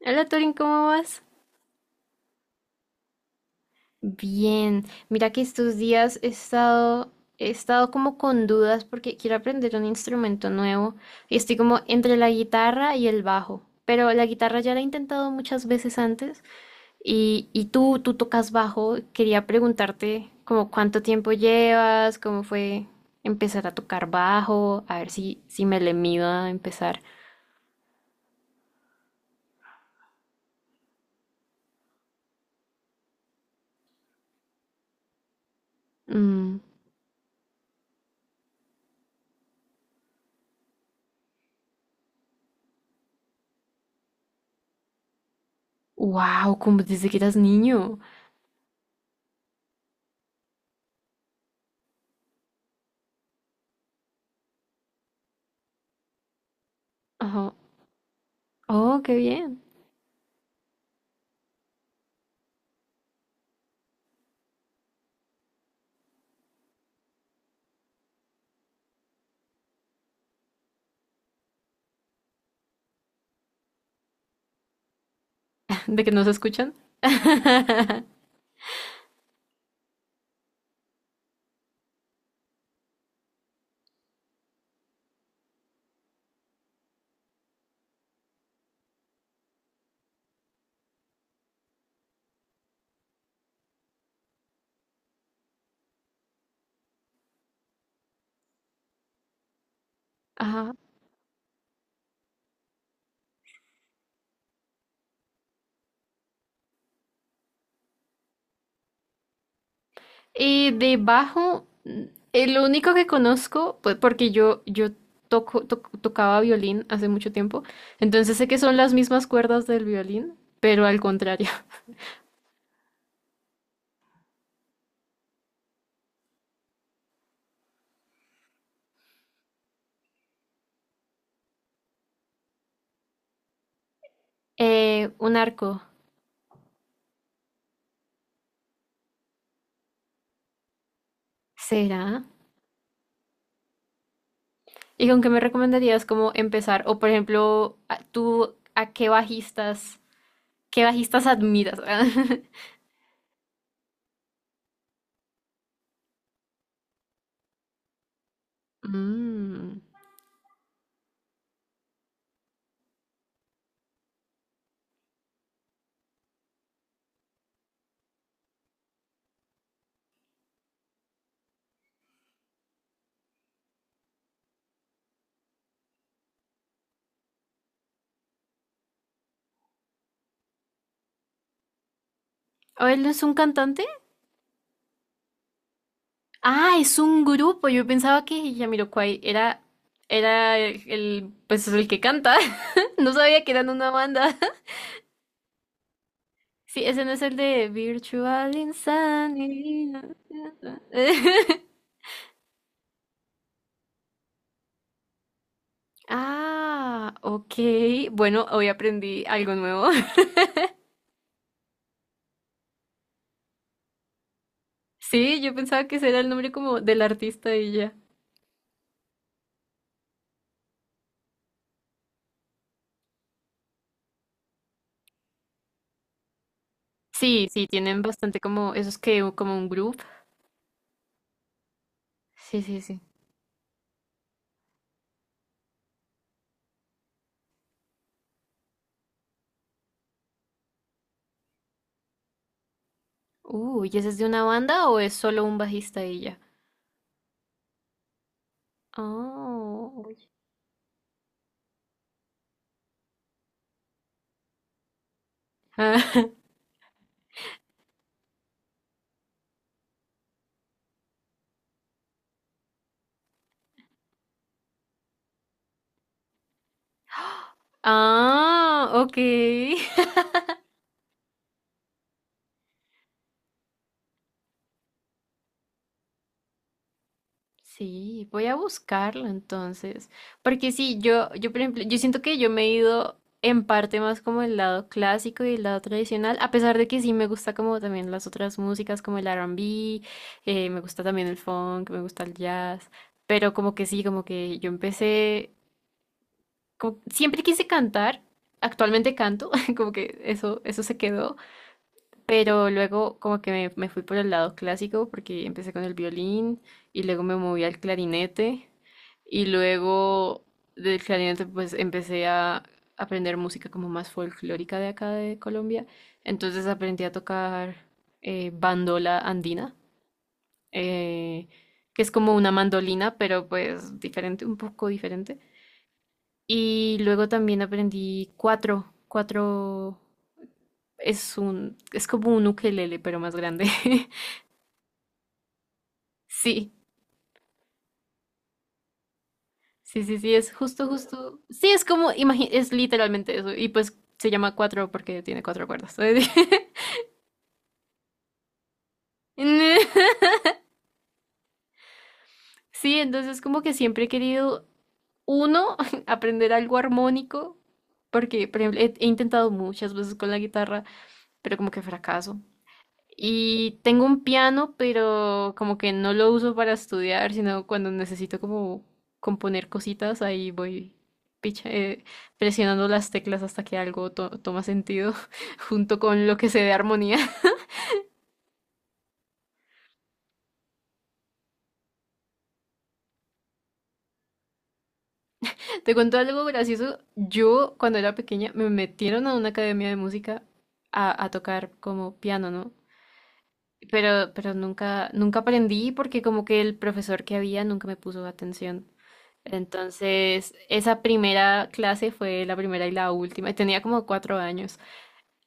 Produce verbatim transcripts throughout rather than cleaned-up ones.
Hola Torin, ¿cómo vas? Bien, mira que estos días he estado, he estado como con dudas porque quiero aprender un instrumento nuevo y estoy como entre la guitarra y el bajo, pero la guitarra ya la he intentado muchas veces antes y, y tú, tú tocas bajo, quería preguntarte como cuánto tiempo llevas, cómo fue empezar a tocar bajo, a ver si, si me le mido a empezar. Mm. Wow, como desde que eras niño. Ajá. Oh, qué bien. De que no se escuchan. Ajá. Y de bajo, mm, el único que conozco, pues porque yo, yo toco, toc- tocaba violín hace mucho tiempo, entonces sé que son las mismas cuerdas del violín, pero al contrario. Eh, un arco. ¿Será? ¿Y con qué me recomendarías cómo empezar? O por ejemplo, a- tú, ¿a qué bajistas, qué bajistas admiras? Mm. ¿O él es un cantante? Ah, es un grupo. Yo pensaba que Jamiroquai era, era el, pues el que canta. No sabía que eran una banda. Sí, ese no es el de Virtual Insanity. Ah, ok. Bueno, hoy aprendí algo nuevo. Sí, yo pensaba que ese era el nombre como del artista y ya. Sí, sí, tienen bastante como esos que como un grupo. Sí, sí, sí. Uh, ¿y ese es de una banda o es solo un bajista y ya? Oh. Ah. Ah, ok. Sí, voy a buscarlo entonces. Porque sí, yo, yo, por ejemplo, yo siento que yo me he ido en parte más como el lado clásico y el lado tradicional, a pesar de que sí me gusta como también las otras músicas como el R B, eh, me gusta también el funk, me gusta el jazz, pero como que sí, como que yo empecé, como- siempre quise cantar, actualmente canto, como que eso, eso se quedó. Pero luego como que me, me fui por el lado clásico porque empecé con el violín y luego me moví al clarinete y luego del clarinete pues empecé a aprender música como más folclórica de acá de Colombia. Entonces aprendí a tocar eh, bandola andina, eh, que es como una mandolina, pero pues diferente, un poco diferente. Y luego también aprendí cuatro, cuatro, es un, es como un ukelele, pero más grande. Sí, sí, sí, sí, es justo, justo. Sí, es como, imagi- es literalmente eso. Y pues se llama cuatro porque tiene cuatro cuerdas. Sí, entonces como que siempre he querido, uno, aprender algo armónico, porque, por ejemplo, he, he intentado muchas veces con la guitarra, pero como que fracaso. Y tengo un piano, pero como que no lo uso para estudiar, sino cuando necesito como componer cositas, ahí voy picha- eh, presionando las teclas hasta que algo to- toma sentido junto con lo que se dé armonía. Te cuento algo gracioso. Yo cuando era pequeña me metieron a una academia de música a, a tocar como piano, ¿no? Pero, pero nunca, nunca aprendí porque como que el profesor que había nunca me puso atención. Entonces, esa primera clase fue la primera y la última. Tenía como cuatro años.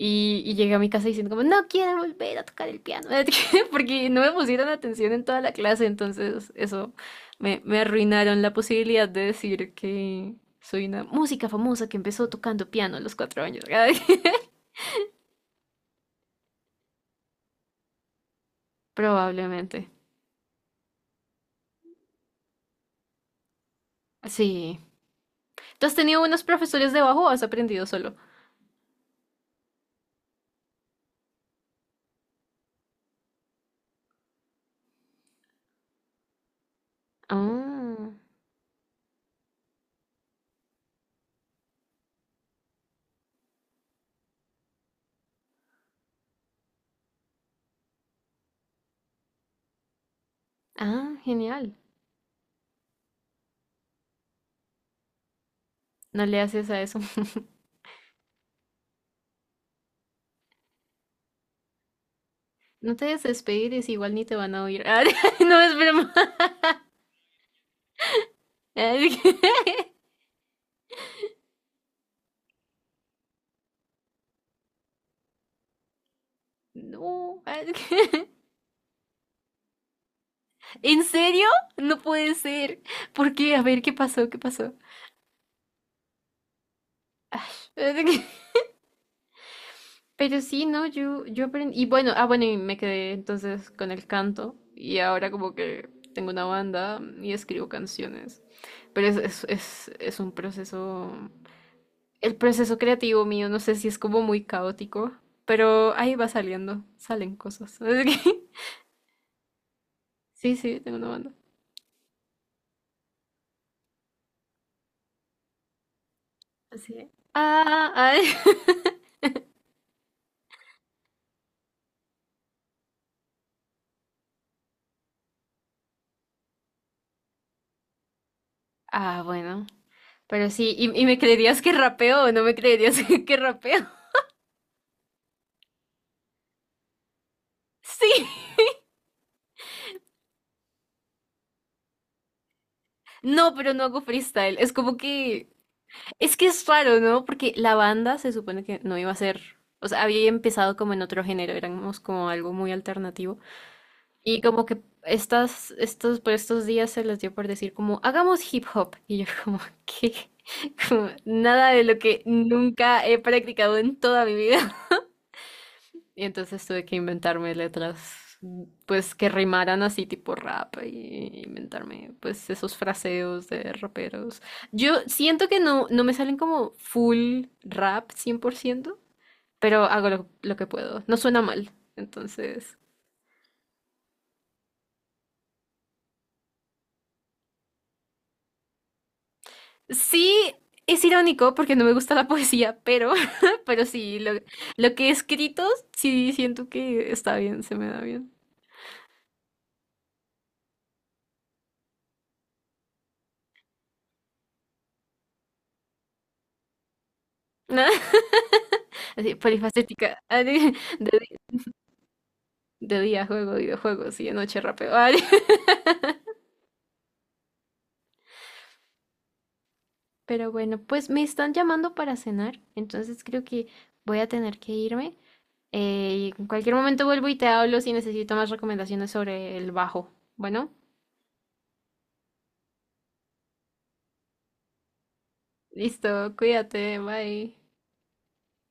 Y, y llegué a mi casa diciendo como, no quiero volver a tocar el piano. Porque no me pusieron atención en toda la clase. Entonces, eso me, me arruinaron la posibilidad de decir que soy una música famosa que empezó tocando piano a los cuatro años. Probablemente. Sí. ¿Tú has tenido unos profesores de bajo o has aprendido solo? Ah. Ah, genial. No le haces a eso. No te desesperes, igual ni te van a oír. Ah, no, es broma. Ah. No. Ah. ¿En serio? No puede ser. ¿Por qué? A ver, ¿qué pasó? ¿Qué pasó? Pero sí, no, yo, yo aprendí. Y bueno, ah, bueno, y me quedé entonces con el canto. Y ahora como que tengo una banda mm, y escribo canciones. Pero es, es, es, es un proceso. El proceso creativo mío, no sé si es como muy caótico. Pero ahí va saliendo, salen cosas. Sí, sí, tengo una banda. Así de, ah, ay. Ah, bueno. Pero sí, ¿y, y me creerías que rapeo o no me creerías que rapeo? Sí. No, pero no hago freestyle. Es como que. Es que es raro, ¿no? Porque la banda se supone que no iba a ser. O sea, había empezado como en otro género, éramos como algo muy alternativo. Y como que estas, estos, por estos días se les dio por decir como, hagamos hip hop. Y yo como, ¿qué? Como, nada de lo que nunca he practicado en toda mi vida. Y entonces tuve que inventarme letras, mm, pues que rimaran así tipo rap y inventarme pues esos fraseos de raperos. Yo siento que no, no me salen como full rap cien por ciento, pero hago lo, lo que puedo. No suena mal. Entonces, sí, es irónico porque no me gusta la poesía, pero, pero sí, lo, lo que he escrito, sí siento que está bien, se me da bien. Así, polifacética. De día juego videojuegos y de noche rapeo. Pero bueno, pues me están llamando para cenar, entonces creo que voy a tener que irme. Eh, y en cualquier momento vuelvo y te hablo si necesito más recomendaciones sobre el bajo. Bueno, listo, cuídate, bye.